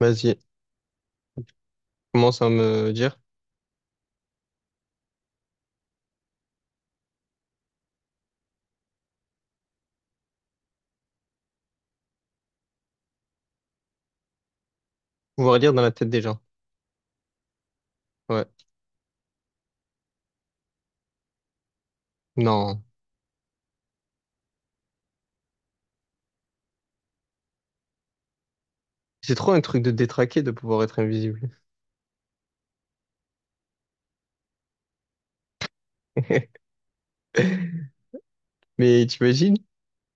Vas-y, commence à me dire. Pouvoir lire dans la tête des gens. Ouais. Non. C'est trop un truc de détraqué de pouvoir être invisible. Mais t'imagines?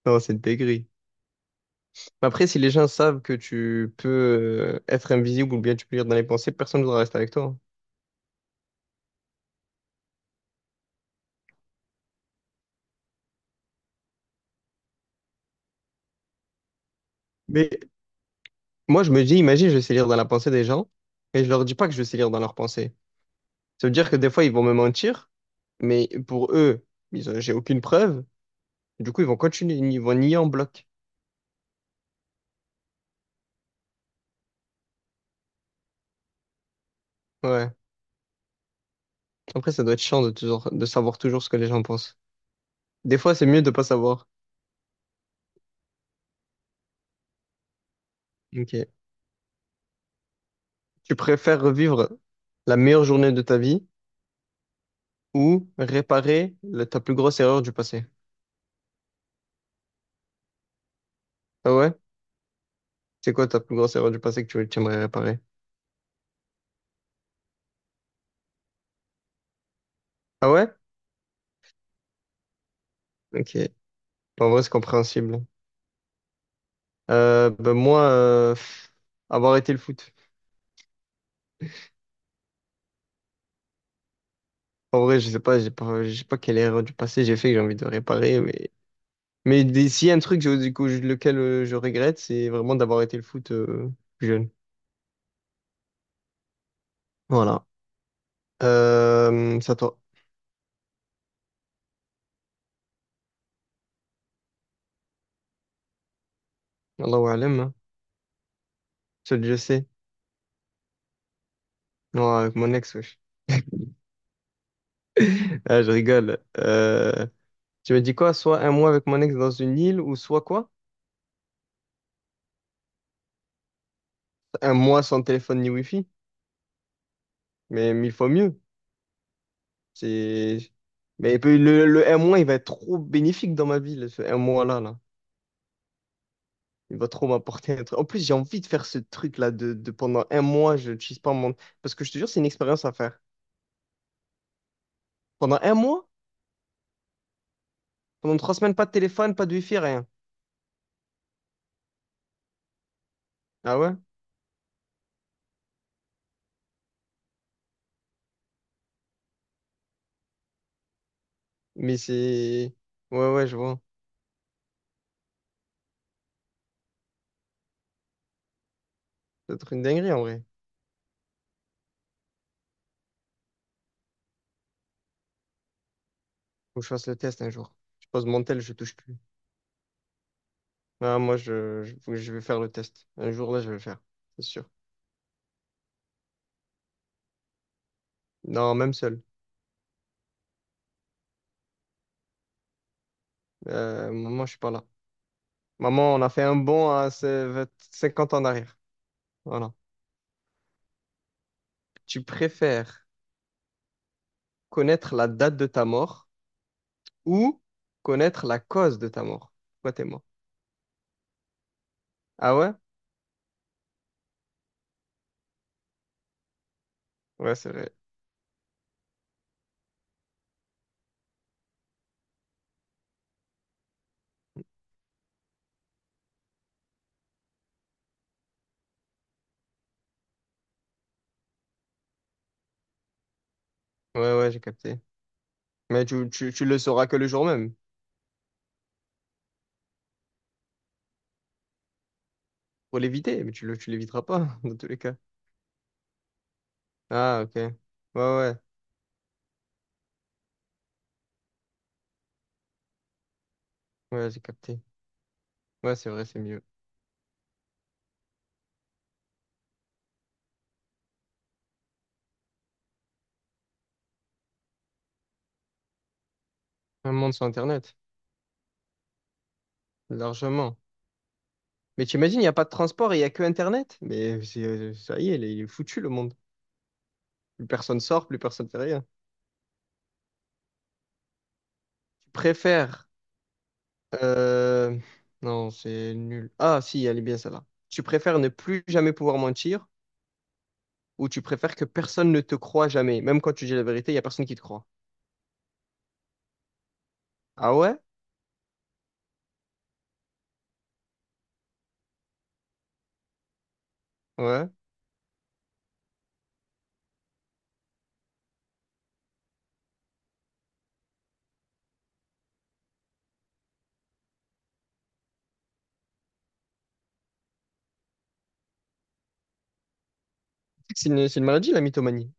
Non, c'est une dinguerie. Mais après, si les gens savent que tu peux être invisible ou bien tu peux lire dans les pensées, personne ne voudra rester avec toi, hein. Mais moi, je me dis, imagine, je sais lire dans la pensée des gens et je leur dis pas que je sais lire dans leurs pensées. Ça veut dire que des fois, ils vont me mentir, mais pour eux, j'ai aucune preuve. Du coup, ils vont continuer, ils vont nier en bloc. Ouais. Après, ça doit être chiant de savoir toujours ce que les gens pensent. Des fois, c'est mieux de pas savoir. Ok. Tu préfères revivre la meilleure journée de ta vie ou réparer ta plus grosse erreur du passé? Ah ouais? C'est quoi ta plus grosse erreur du passé que tu aimerais réparer? Ah ouais? Ok. En vrai, c'est compréhensible. Ben moi, avoir arrêté le foot. En vrai, je sais pas, j'ai pas, je sais pas quelle erreur du passé j'ai fait que j'ai envie de réparer, mais s'il y a un truc du coup, lequel je regrette, c'est vraiment d'avoir arrêté le foot plus jeune. Voilà. C'est à toi. Allahu alam. Celui que je sais. Non, avec mon ex, wesh. Ah, je rigole. Tu m'as dit quoi? Soit un mois avec mon ex dans une île, ou soit quoi? Un mois sans téléphone ni wifi. Mais mille fois mieux. C'est. Mais le un mois, il va être trop bénéfique dans ma vie, là, ce un mois-là, là. Il va trop m'apporter un truc. En plus, j'ai envie de faire ce truc-là de pendant un mois, je ne pas mon. Parce que je te jure, c'est une expérience à faire. Pendant un mois, pendant trois semaines, pas de téléphone, pas de wifi, rien. Ah ouais? Mais c'est. Ouais, ouais, je vois. Ça doit être une dinguerie en vrai. Faut que je fasse le test un jour. Je pose mon tel, je touche plus. Ah, moi, faut que je vais faire le test. Un jour, là, je vais le faire. C'est sûr. Non, même seul. Maman, je suis pas là. Maman, on a fait un bond à 20 50 ans en arrière. Voilà. Tu préfères connaître la date de ta mort ou connaître la cause de ta mort? Pourquoi t'es mort? Ah ouais? Ouais, c'est vrai. Ouais, ouais, j'ai capté. Mais tu le sauras que le jour même. Pour l'éviter, mais tu l'éviteras pas, dans tous les cas. Ah, ok. Ouais, ouais, ouais, j'ai capté. Ouais, c'est vrai, c'est mieux. Un monde sans Internet, largement. Mais t'imagines, il n'y a pas de transport et il n'y a que Internet. Ça y est, il est foutu le monde. Plus personne sort, plus personne fait rien. Tu préfères. euh, Non, c'est nul. Ah, si, elle est bien celle-là. Tu préfères ne plus jamais pouvoir mentir ou tu préfères que personne ne te croit jamais. Même quand tu dis la vérité, il n'y a personne qui te croit. Ah ouais? Ouais. C'est une maladie, la mythomanie.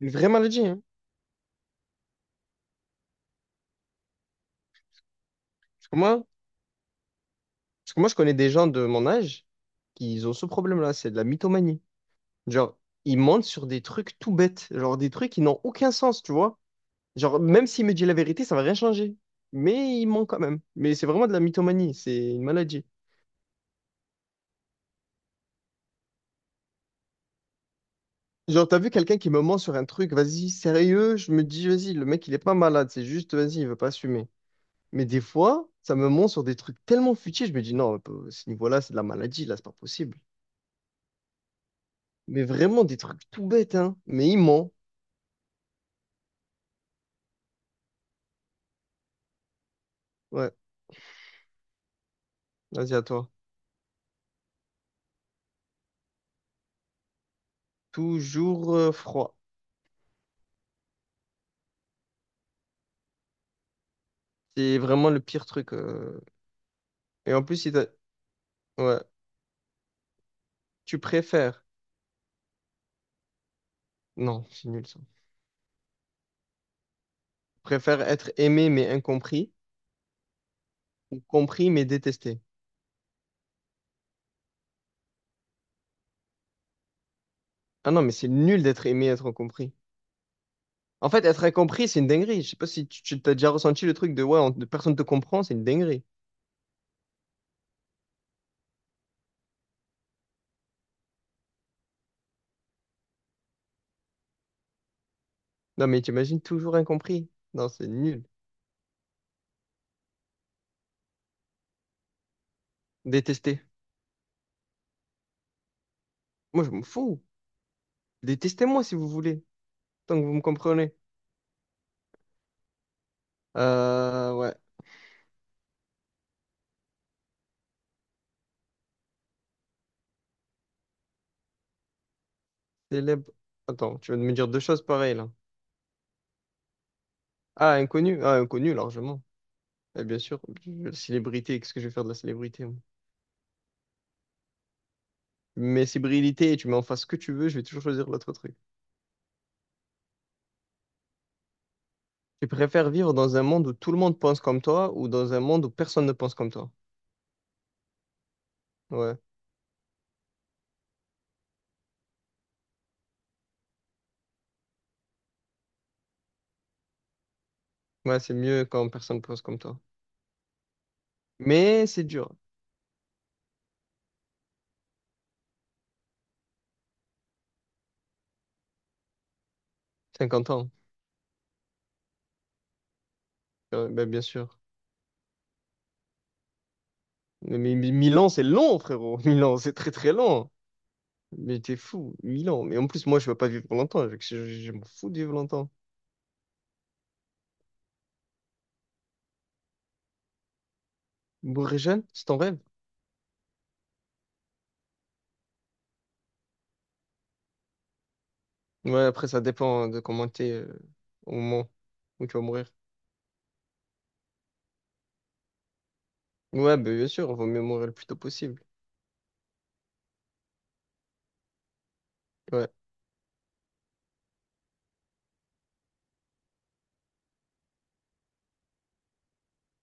Une vraie maladie, hein. Parce que moi, Parce que moi, je connais des gens de mon âge qui ont ce problème-là, c'est de la mythomanie. Genre, ils mentent sur des trucs tout bêtes, genre des trucs qui n'ont aucun sens, tu vois. Genre, même s'il me dit la vérité, ça va rien changer. Mais il ment quand même. Mais c'est vraiment de la mythomanie, c'est une maladie. Genre, t'as vu quelqu'un qui me ment sur un truc, vas-y, sérieux, je me dis, vas-y, le mec, il est pas malade, c'est juste, vas-y, il veut pas assumer. Mais des fois, ça me ment sur des trucs tellement futiles, je me dis, non, à ce niveau-là, c'est de la maladie, là, c'est pas possible. Mais vraiment des trucs tout bêtes, hein. Mais il ment. Ouais, vas-y, à toi. Toujours froid. C'est vraiment le pire truc. Et en plus, si t'as- ouais. Tu préfères. Non, c'est nul ça. Tu préfères être aimé mais incompris ou compris mais détesté. Ah non, mais c'est nul d'être aimé et être incompris. En fait, être incompris, c'est une dinguerie. Je sais pas si t'as déjà ressenti le truc de ouais, personne te comprend, c'est une dinguerie. Non, mais t'imagines toujours incompris. Non, c'est nul. Détesté. Moi, je m'en fous. Détestez-moi si vous voulez, tant que vous me comprenez. Ouais. Célèbre. Attends, tu vas me dire deux choses pareilles là. Ah, inconnu. Ah, inconnu, largement. Eh bien sûr, célébrité, qu'est-ce que je vais faire de la célébrité? Moi. Mais célébrité, tu mets en face ce que tu veux, je vais toujours choisir l'autre truc. Tu préfères vivre dans un monde où tout le monde pense comme toi ou dans un monde où personne ne pense comme toi. Ouais, ouais, c'est mieux quand personne ne pense comme toi. Mais c'est dur. 50 ans. Ben, bien sûr. Mais 1000 ans, c'est long, frérot. Mille ans, c'est très très long. Mais t'es fou, 1000 ans. Mais en plus, moi, je veux pas vivre longtemps. Je m'en fous de vivre longtemps. Mourir jeune, c'est ton rêve? Ouais, après, ça dépend de comment t'es au moment où tu vas mourir. Ouais, bah, bien sûr, on vaut mieux mourir le plus tôt possible. Ouais,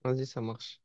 vas-y, ça marche.